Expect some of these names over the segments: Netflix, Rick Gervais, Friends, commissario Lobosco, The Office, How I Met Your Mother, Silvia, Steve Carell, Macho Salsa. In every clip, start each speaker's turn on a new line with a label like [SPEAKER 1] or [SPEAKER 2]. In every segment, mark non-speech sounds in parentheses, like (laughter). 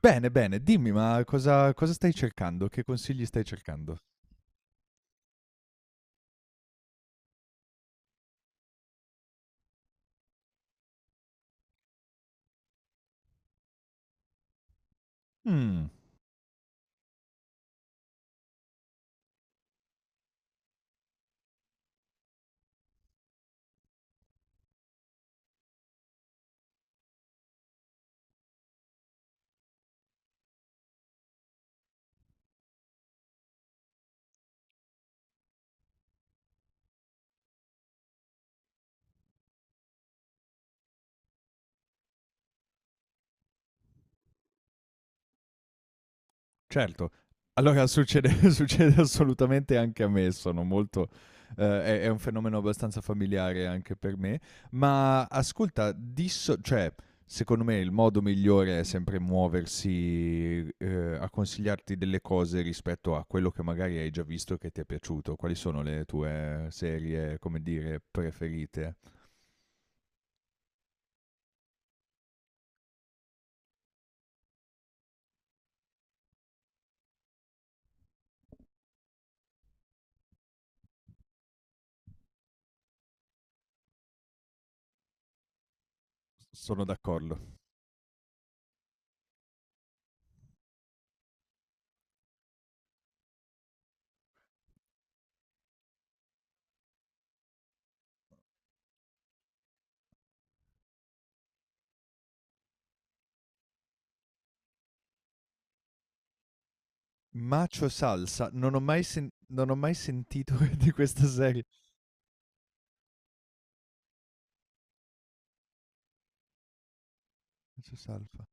[SPEAKER 1] Bene, bene, dimmi, ma cosa stai cercando? Che consigli stai cercando? Mh, certo. Allora succede (laughs) succede assolutamente anche a me, sono molto è un fenomeno abbastanza familiare anche per me, ma ascolta, disso cioè, secondo me il modo migliore è sempre muoversi, a consigliarti delle cose rispetto a quello che magari hai già visto e che ti è piaciuto. Quali sono le tue serie, come dire, preferite? S sono d'accordo. Macho Salsa, non ho mai sentito (laughs) di questa serie. Macho Salsa.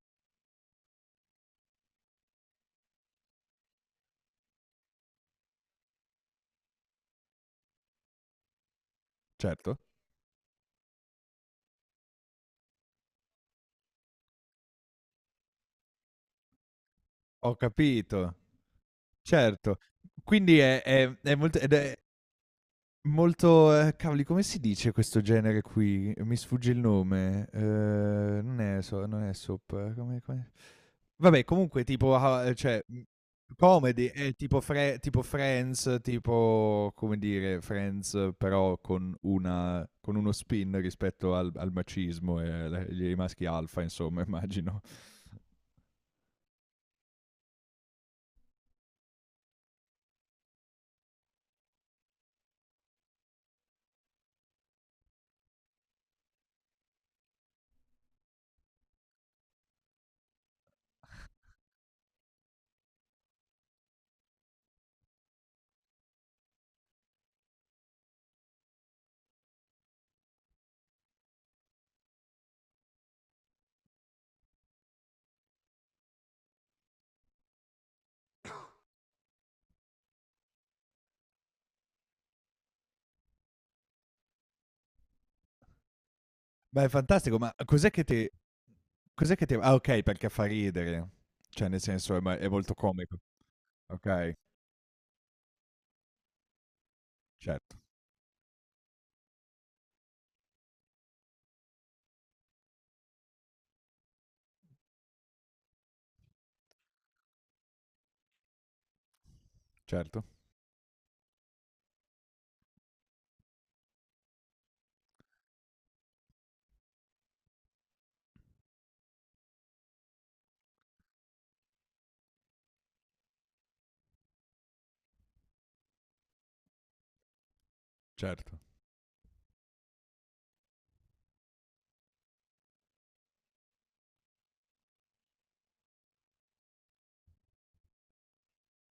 [SPEAKER 1] Certo, ho capito, certo. Quindi è molto ed è molto cavoli, come si dice questo genere qui? Mi sfugge il nome. Non è soap, come come vabbè, comunque tipo cioè, comedy è tipo Fre tipo Friends, tipo come dire, Friends, però con una con uno spin rispetto al al macismo e alle agli maschi alfa insomma (laughs) immagino. Ma è fantastico, ma cos'è che ti ah, okay, perché fa ridere. Cioè nel senso è ma è molto comico. Okay, certo, certo, certo.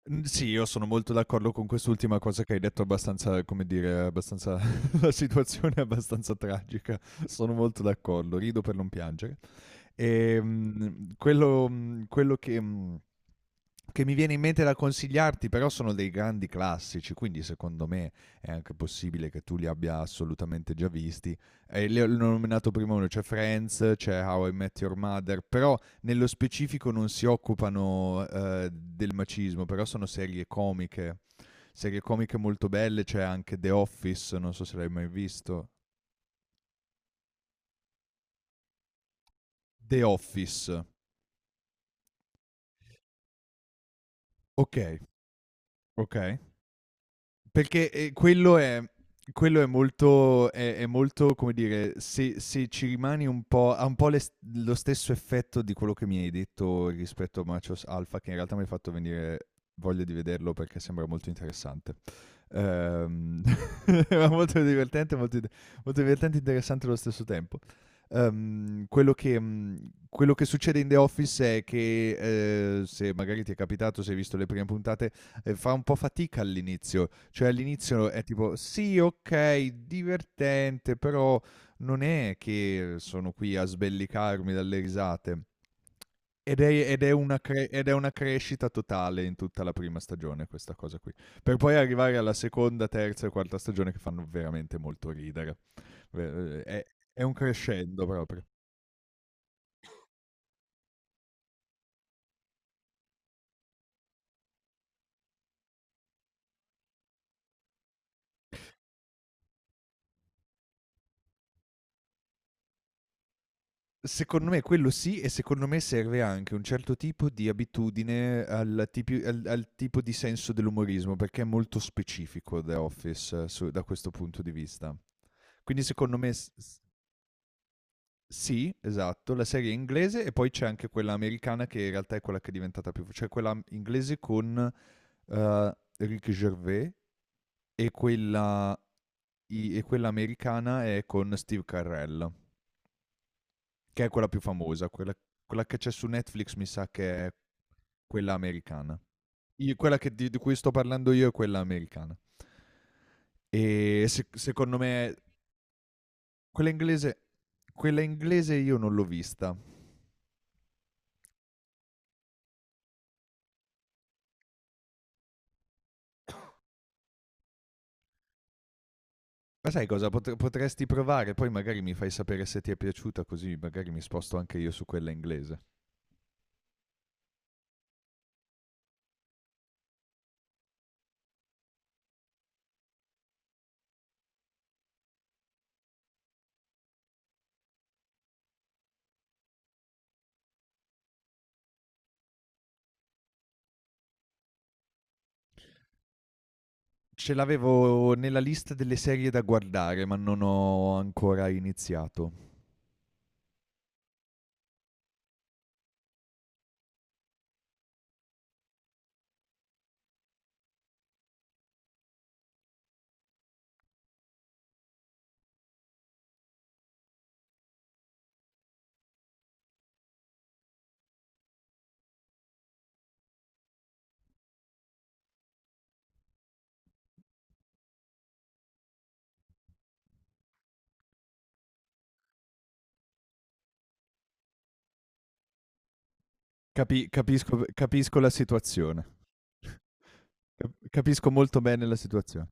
[SPEAKER 1] Mhmm, sì, io sono molto d'accordo con quest'ultima cosa che hai detto abbastanza, come dire, abbastanza (laughs) la situazione è abbastanza tragica. Sono molto d'accordo, rido per non piangere. Quello, quello che, mhmm che mi viene in mente da consigliarti, però sono dei grandi classici, quindi secondo me è anche possibile che tu li abbia assolutamente già visti. Li ho nominato prima uno, c'è Friends, c'è How I Met Your Mother, però nello specifico non si occupano, del macismo, però sono serie comiche molto belle, c'è anche The Office, non so se l'hai mai visto. The Office, ok, ok. Perché, quello è molto è molto, come dire, se se ci rimani un po' ha un po' le s lo stesso effetto di quello che mi hai detto rispetto a Machos Alpha, che in realtà mi hai fatto venire voglia di vederlo perché sembra molto interessante. Ehm, era (laughs) molto divertente, molto, molto divertente e interessante allo stesso tempo. Quello che succede in The Office è che, se magari ti è capitato, se hai visto le prime puntate, fa un po' fatica all'inizio. Cioè all'inizio è tipo, sì, ok, divertente, però non è che sono qui a sbellicarmi dalle risate. Ed è una crescita totale in tutta la prima stagione, questa cosa qui. Per poi arrivare alla seconda, terza e quarta stagione che fanno veramente molto ridere. Ve- eh, È, è un crescendo proprio. Secondo me quello sì e secondo me serve anche un certo tipo di abitudine al tipo di senso dell'umorismo perché è molto specifico The Office, da questo punto di vista. Quindi secondo me sì, esatto, la serie è inglese e poi c'è anche quella americana che in realtà è quella che è diventata più... cioè quella inglese con Rick Gervais e quella, e quella americana è con Steve Carell, che è quella più famosa, quella, quella che c'è su Netflix mi sa che è quella americana. Quella di cui sto parlando io è quella americana. E secondo me quella inglese, quella inglese io non l'ho vista. Ma sai cosa? Potresti provare, poi magari mi fai sapere se ti è piaciuta, così magari mi sposto anche io su quella inglese. Ce l'avevo nella lista delle serie da guardare, ma non ho ancora iniziato. Capisco, capisco la situazione. Capisco molto bene la situazione.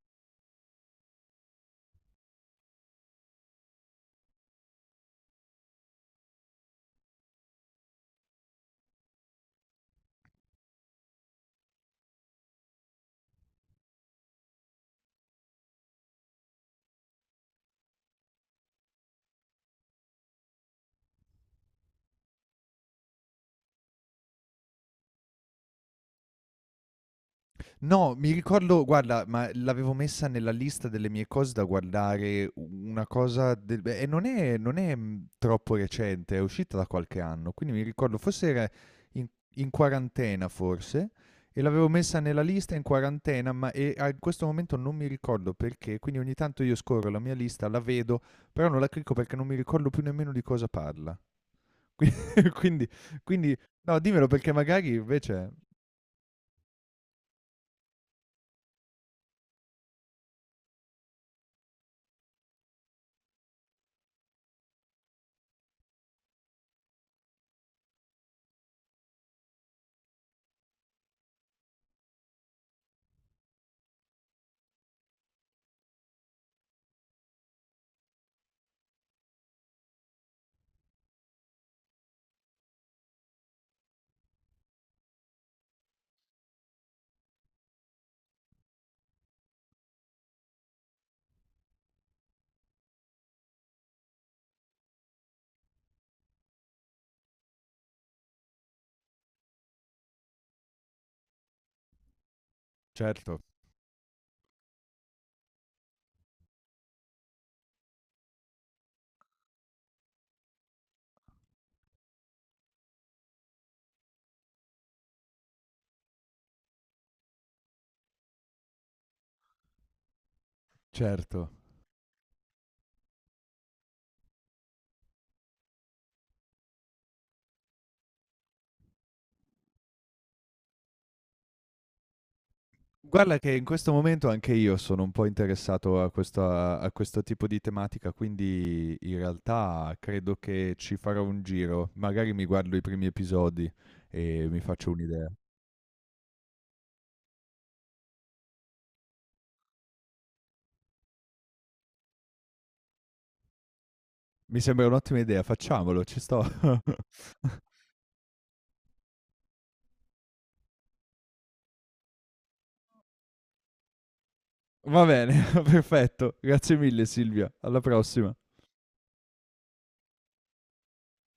[SPEAKER 1] No, mi ricordo, guarda, ma l'avevo messa nella lista delle mie cose da guardare, una cosa del e non è troppo recente, è uscita da qualche anno, quindi mi ricordo forse era in in quarantena forse, e l'avevo messa nella lista in quarantena, ma e a questo momento non mi ricordo perché, quindi ogni tanto io scorro la mia lista, la vedo, però non la clicco perché non mi ricordo più nemmeno di cosa parla. (laughs) Qui quindi quindi no, dimmelo perché magari invece certo, certo. Guarda che in questo momento anche io sono un po' interessato a questa a questo tipo di tematica, quindi in realtà credo che ci farò un giro. Magari mi guardo i primi episodi e mi faccio un'idea. Mi sembra un'ottima idea, facciamolo, ci sto. (laughs) Va bene, (laughs) perfetto. Grazie mille Silvia, alla prossima.